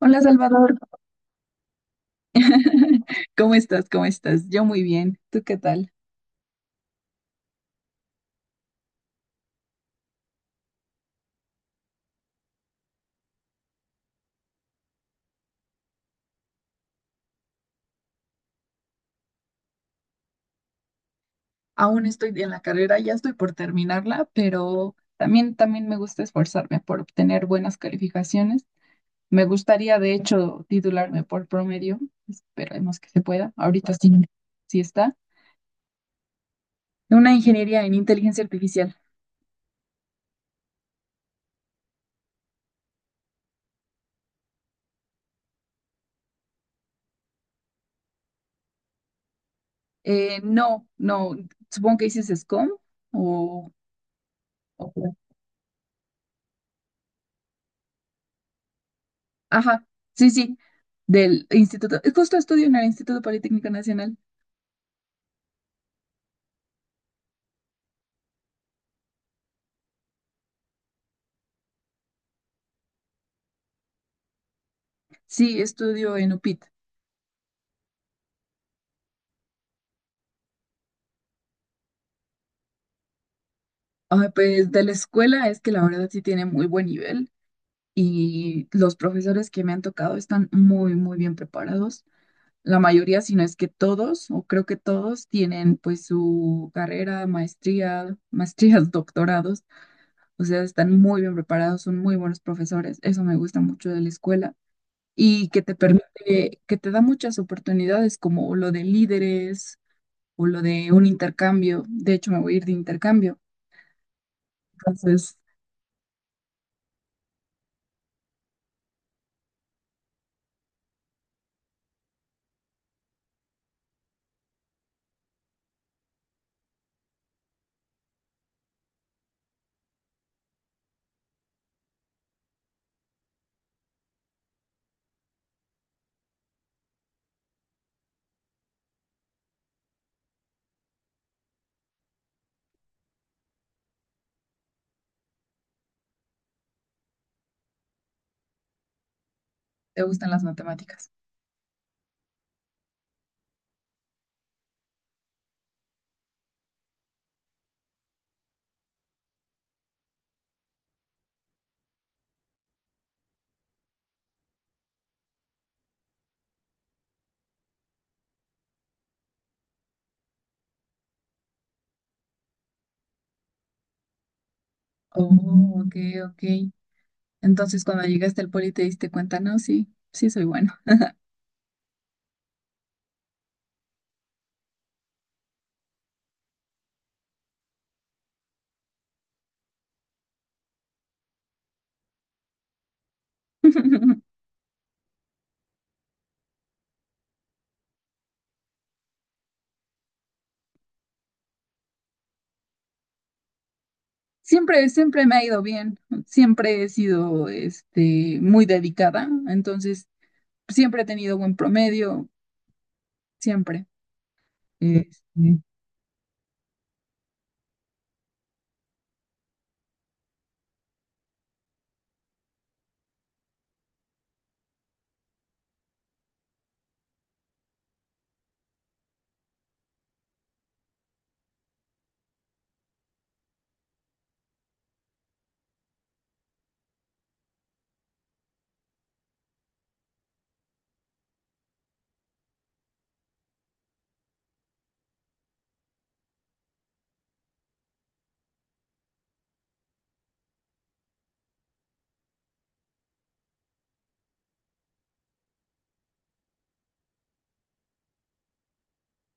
Hola Salvador, ¿cómo estás? ¿Cómo estás? Yo muy bien, ¿tú qué tal? Aún estoy en la carrera, ya estoy por terminarla, pero también me gusta esforzarme por obtener buenas calificaciones. Me gustaría, de hecho, titularme por promedio, esperemos que se pueda, ahorita sí, sí está. Una ingeniería en inteligencia artificial. No, no, supongo que dices SCOM o... o- Ajá, sí, sí, del instituto, justo estudio en el Instituto Politécnico Nacional. Sí, estudio en UPIT. Ah, pues de la escuela es que la verdad sí tiene muy buen nivel y los profesores que me han tocado están muy, muy bien preparados. La mayoría, si no es que todos, o creo que todos, tienen pues su carrera, maestría, maestrías, doctorados. O sea, están muy bien preparados, son muy buenos profesores. Eso me gusta mucho de la escuela y que te permite, que te da muchas oportunidades como lo de líderes o lo de un intercambio. De hecho, me voy a ir de intercambio. Entonces, ¿te gustan las matemáticas? Oh, ok, ok. Entonces, cuando llegaste al poli te diste cuenta, no, sí, sí soy bueno. Siempre, siempre me ha ido bien. Siempre he sido, este, muy dedicada. Entonces, siempre he tenido buen promedio, siempre. Este,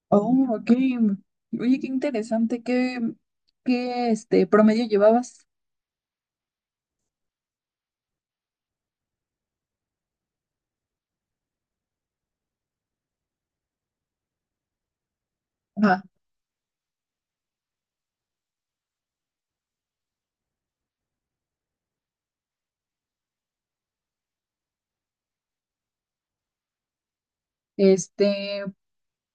oh, ok. Oye, qué interesante. ¿Qué, qué, este, promedio llevabas? Ajá. Este,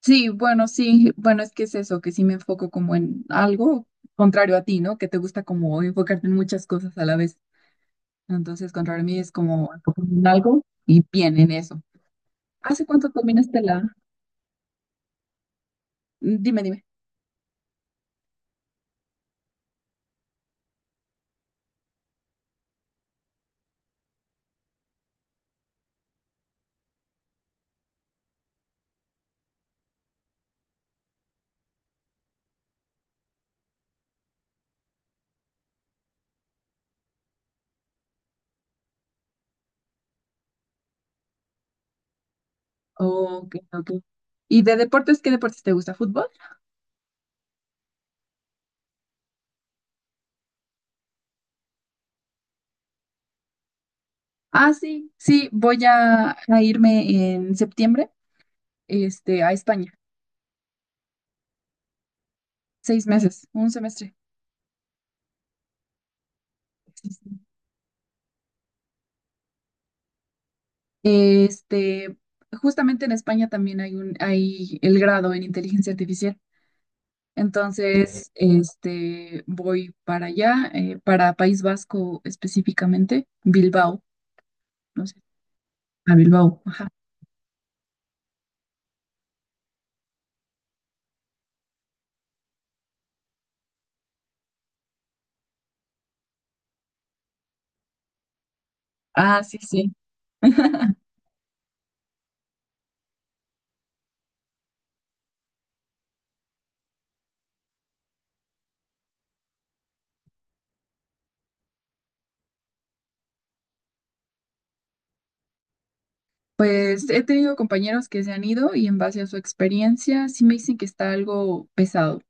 Sí, bueno, sí, bueno, es que es eso, que sí me enfoco como en algo contrario a ti, ¿no? Que te gusta como enfocarte en muchas cosas a la vez. Entonces, contrario a mí es como enfocarme en algo y bien en eso. ¿Hace cuánto terminaste la...? Mm, dime, dime. Ok, ok. ¿Y de deportes, qué deportes te gusta? ¿Fútbol? Ah, sí, sí, voy a irme en septiembre, este, a España. Seis meses, un semestre. Este, justamente en España también hay un, hay el grado en inteligencia artificial. Entonces, este, voy para allá, para País Vasco específicamente, Bilbao, no sé, a Bilbao, ajá. Ah, sí, sí. Pues he tenido compañeros que se han ido y en base a su experiencia sí me dicen que está algo pesado.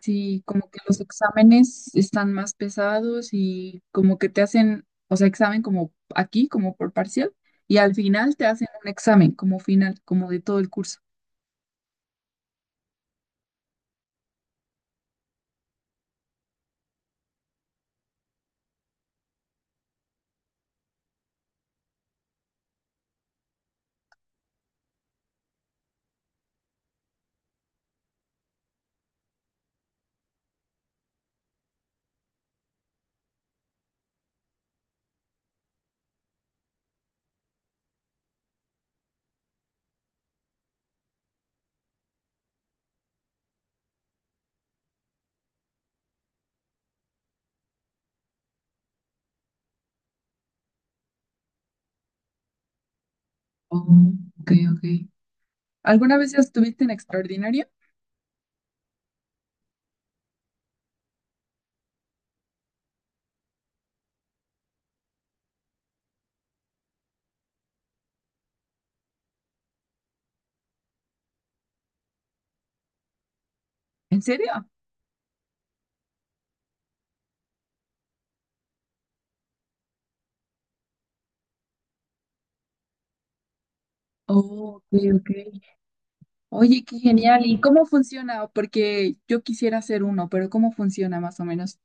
Sí, como que los exámenes están más pesados y como que te hacen, o sea, examen como aquí, como por parcial, y al final te hacen un examen como final, como de todo el curso. Oh, ok, ok. ¿Alguna vez ya estuviste en extraordinaria? ¿En serio? Oh, ok, ok. Oye, qué genial. ¿Y cómo funciona? Porque yo quisiera hacer uno, pero ¿cómo funciona más o menos?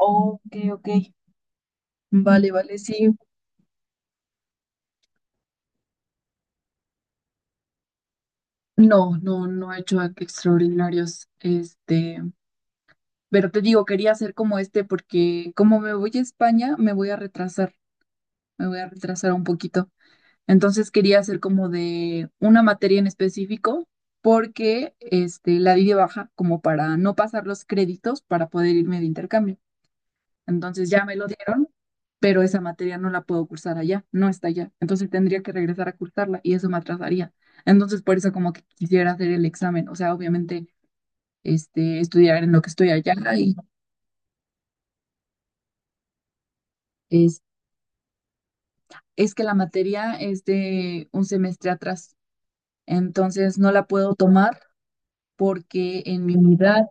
Oh, ok, ok. Vale, vale, sí. No, no, no he hecho extraordinarios. Este. Pero te digo, quería hacer como este porque como me voy a España, me voy a retrasar, me voy a retrasar un poquito. Entonces quería hacer como de una materia en específico porque este, la di de baja como para no pasar los créditos para poder irme de intercambio. Entonces ya me lo dieron, pero esa materia no la puedo cursar allá, no está allá. Entonces tendría que regresar a cursarla y eso me atrasaría. Entonces por eso como que quisiera hacer el examen, o sea, obviamente este, estudiar en lo que estoy allá y... es que la materia es de un semestre atrás, entonces no la puedo tomar porque en mi unidad,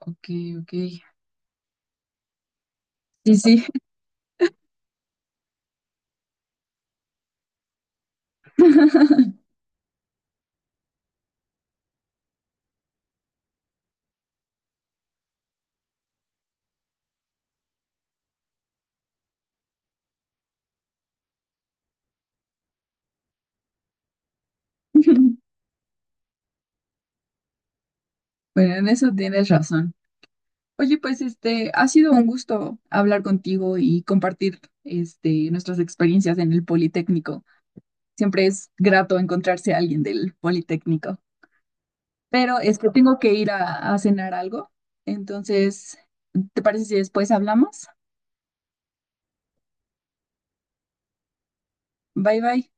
ok, ok, sí, sí. Bueno, en eso tienes razón. Oye, pues este, ha sido un gusto hablar contigo y compartir este, nuestras experiencias en el Politécnico. Siempre es grato encontrarse a alguien del Politécnico. Pero es que tengo que ir a cenar algo. Entonces, ¿te parece si después hablamos? Bye bye.